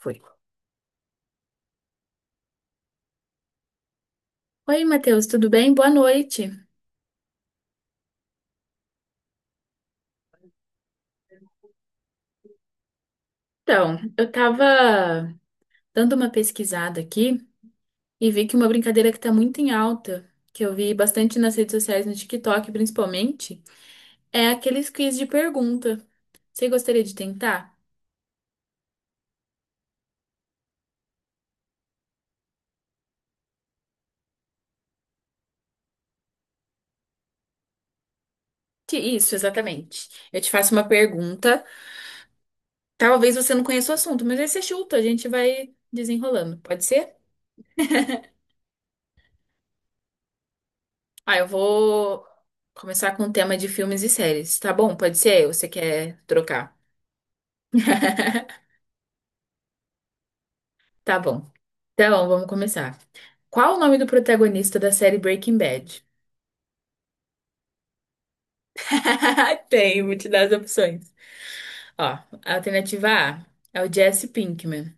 Foi. Oi, Matheus, tudo bem? Boa noite. Então, eu tava dando uma pesquisada aqui e vi que uma brincadeira que tá muito em alta, que eu vi bastante nas redes sociais, no TikTok principalmente, é aqueles quiz de pergunta. Você gostaria de tentar? Isso, exatamente. Eu te faço uma pergunta. Talvez você não conheça o assunto, mas aí você chuta, a gente vai desenrolando. Pode ser? Ah, eu vou começar com o tema de filmes e séries, tá bom? Pode ser? Ou você quer trocar? Tá bom. Então, vamos começar. Qual o nome do protagonista da série Breaking Bad? Tem, vou te dar as opções. Ó, alternativa A é o Jesse Pinkman.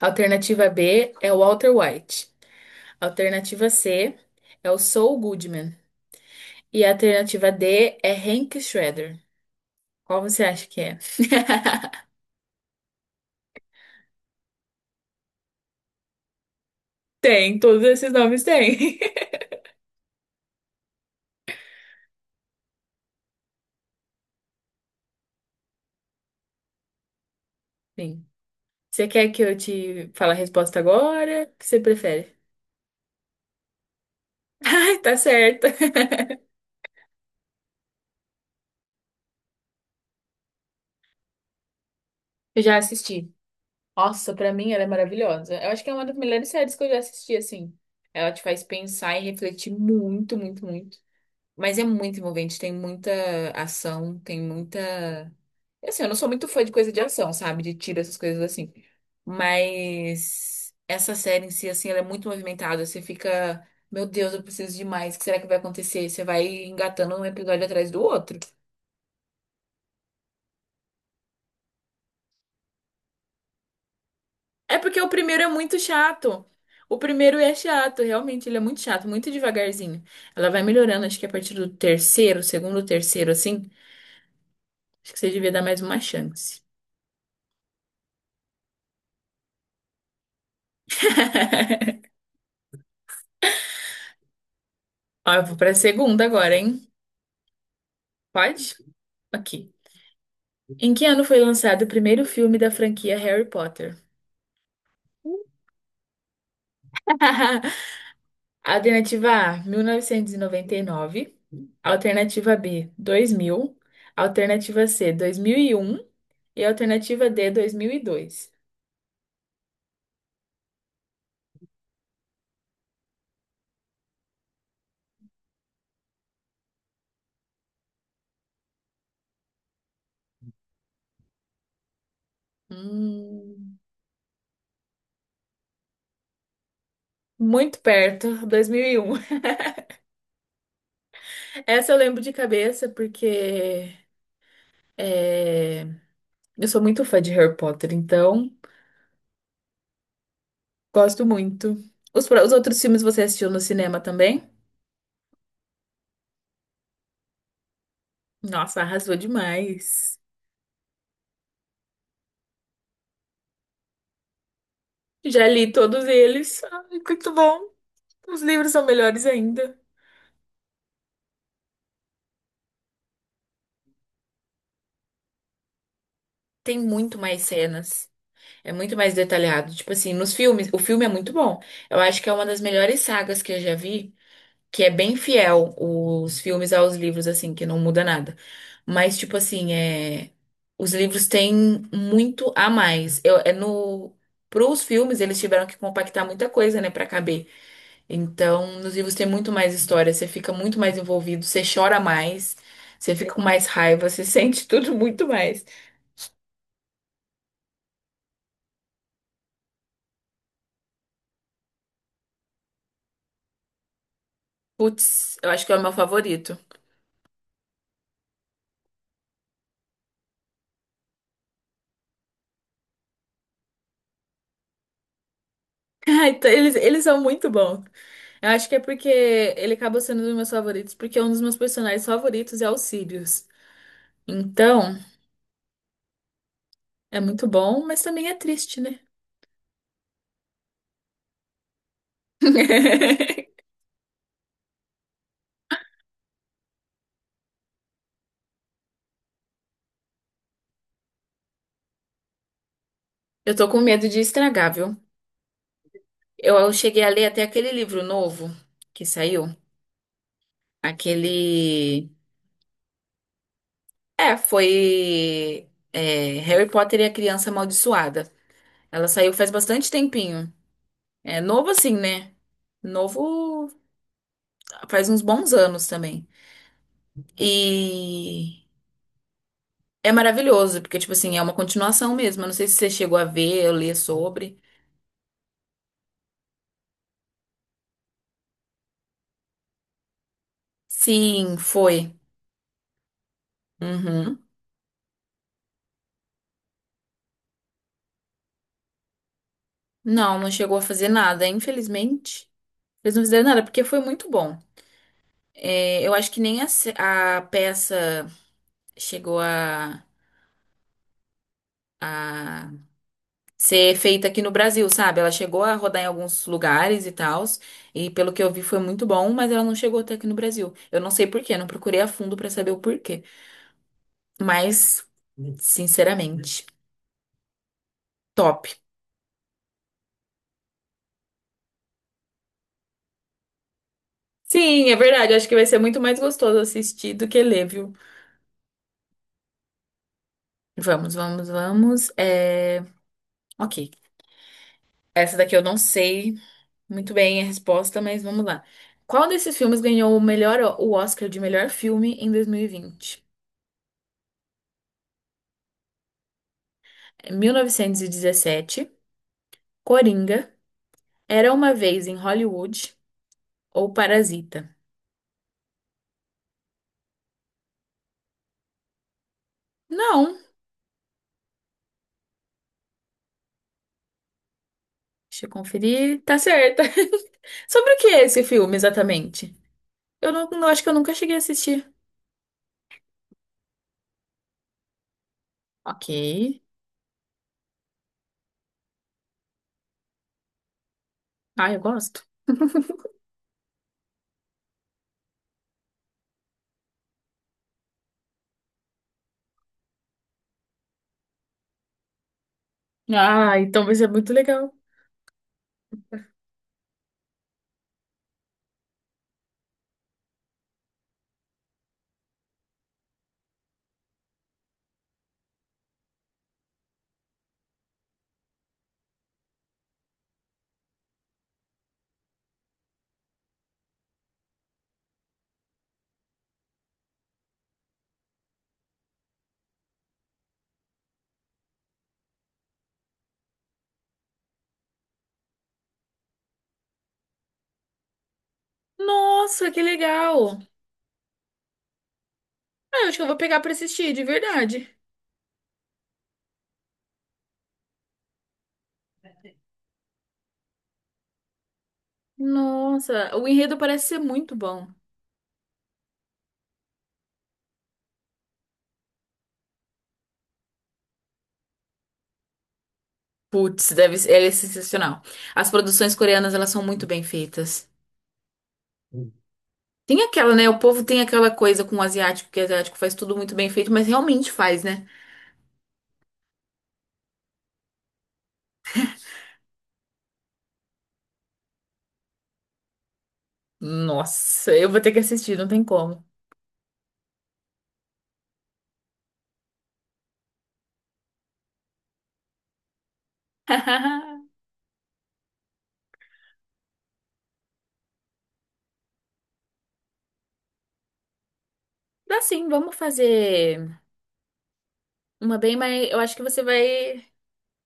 Alternativa B é o Walter White. Alternativa C é o Saul Goodman. E a alternativa D é Hank Shredder. Qual você acha que é? Tem, todos esses nomes têm. Sim. Você quer que eu te fale a resposta agora? O que você prefere? Ai, tá certo. Eu já assisti. Nossa, pra mim ela é maravilhosa. Eu acho que é uma das melhores séries que eu já assisti, assim. Ela te faz pensar e refletir muito, muito, muito. Mas é muito envolvente, tem muita ação, tem muita. Assim, eu não sou muito fã de coisa de ação, sabe? De tiro, essas coisas assim. Mas essa série em si, assim, ela é muito movimentada. Você fica, meu Deus, eu preciso de mais. O que será que vai acontecer? Você vai engatando um episódio atrás do outro. É porque o primeiro é muito chato. O primeiro é chato, realmente, ele é muito chato, muito devagarzinho. Ela vai melhorando, acho que a partir do terceiro, segundo, terceiro, assim. Acho que você devia dar mais uma chance. Ó, eu vou pra segunda agora, hein? Pode? Aqui. Em que ano foi lançado o primeiro filme da franquia Harry Potter? Alternativa A, mil novecentos e noventa e nove. Alternativa B, 2000. Alternativa C, 2001. E alternativa D, 2002. Hum. Muito perto, 2001. Essa eu lembro de cabeça porque é, eu sou muito fã de Harry Potter, então gosto muito. Os outros filmes você assistiu no cinema também? Nossa, arrasou demais. Já li todos eles. Ai, muito bom. Os livros são melhores ainda. Tem muito mais cenas. É muito mais detalhado. Tipo assim, nos filmes, o filme é muito bom. Eu acho que é uma das melhores sagas que eu já vi. Que é bem fiel os filmes aos livros, assim, que não muda nada. Mas, tipo assim, é... os livros têm muito a mais. Eu, é no... Pros filmes, eles tiveram que compactar muita coisa, né, pra caber. Então, nos livros tem muito mais história, você fica muito mais envolvido, você chora mais, você fica com mais raiva, você sente tudo muito mais. Putz, eu acho que é o meu favorito. Ah, então, eles são muito bons. Eu acho que é porque ele acaba sendo um dos meus favoritos, porque é um dos meus personagens favoritos é o Sirius. Então, é muito bom, mas também é triste, né? Eu tô com medo de estragar, viu? Eu cheguei a ler até aquele livro novo que saiu. Aquele. É, foi. É, Harry Potter e a Criança Amaldiçoada. Ela saiu faz bastante tempinho. É novo assim, né? Novo faz uns bons anos também. E é maravilhoso, porque, tipo assim, é uma continuação mesmo. Eu não sei se você chegou a ver ou ler sobre. Sim, foi. Uhum. Não, não chegou a fazer nada, infelizmente. Eles não fizeram nada, porque foi muito bom. É, eu acho que nem a, se- a peça chegou a ser feita aqui no Brasil, sabe? Ela chegou a rodar em alguns lugares e tal e pelo que eu vi foi muito bom, mas ela não chegou até aqui no Brasil. Eu não sei por quê, não procurei a fundo pra saber o porquê. Mas, sinceramente, top. Sim, é verdade. Acho que vai ser muito mais gostoso assistir do que ler, viu? Vamos, vamos, vamos. É... Ok. Essa daqui eu não sei muito bem a resposta, mas vamos lá. Qual desses filmes ganhou o melhor, o Oscar de melhor filme em dois mil e vinte? 1917, Coringa, Era uma Vez em Hollywood ou Parasita? Não. Deixa eu conferir. Tá certa. Sobre o que é esse filme exatamente? Eu não acho que eu nunca cheguei a assistir. Ok. Ah, eu gosto. Ah, então vai ser muito legal. Nossa, que legal! Ah, eu acho que eu vou pegar pra assistir, de verdade. Nossa, o enredo parece ser muito bom. Putz, deve ser, ele é sensacional. As produções coreanas, elas são muito bem feitas. Tem aquela, né? O povo tem aquela coisa com o asiático, que o asiático faz tudo muito bem feito, mas realmente faz, né? Nossa, eu vou ter que assistir, não tem como. Dá sim, vamos fazer uma bem, mas eu acho que você vai.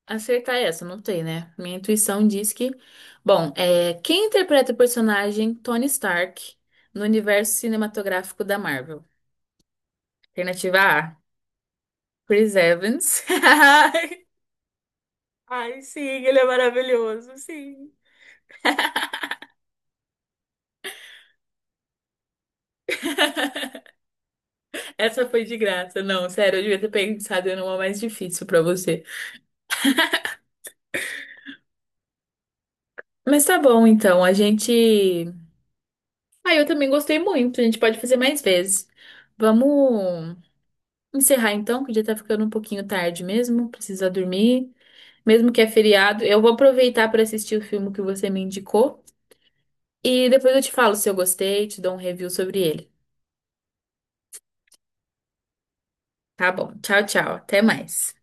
Acertar essa, não tem, né? Minha intuição diz que. Bom, é... quem interpreta o personagem Tony Stark no universo cinematográfico da Marvel? Alternativa A, Chris Evans. Ai, sim, ele é maravilhoso, sim. Essa foi de graça. Não, sério, eu devia ter pensado numa mais difícil pra você. Mas tá bom, então. A gente. Ah, eu também gostei muito. A gente pode fazer mais vezes. Vamos encerrar então, que já tá ficando um pouquinho tarde mesmo. Precisa dormir. Mesmo que é feriado. Eu vou aproveitar para assistir o filme que você me indicou e depois eu te falo se eu gostei, te dou um review sobre ele. Tá bom. Tchau, tchau. Até mais.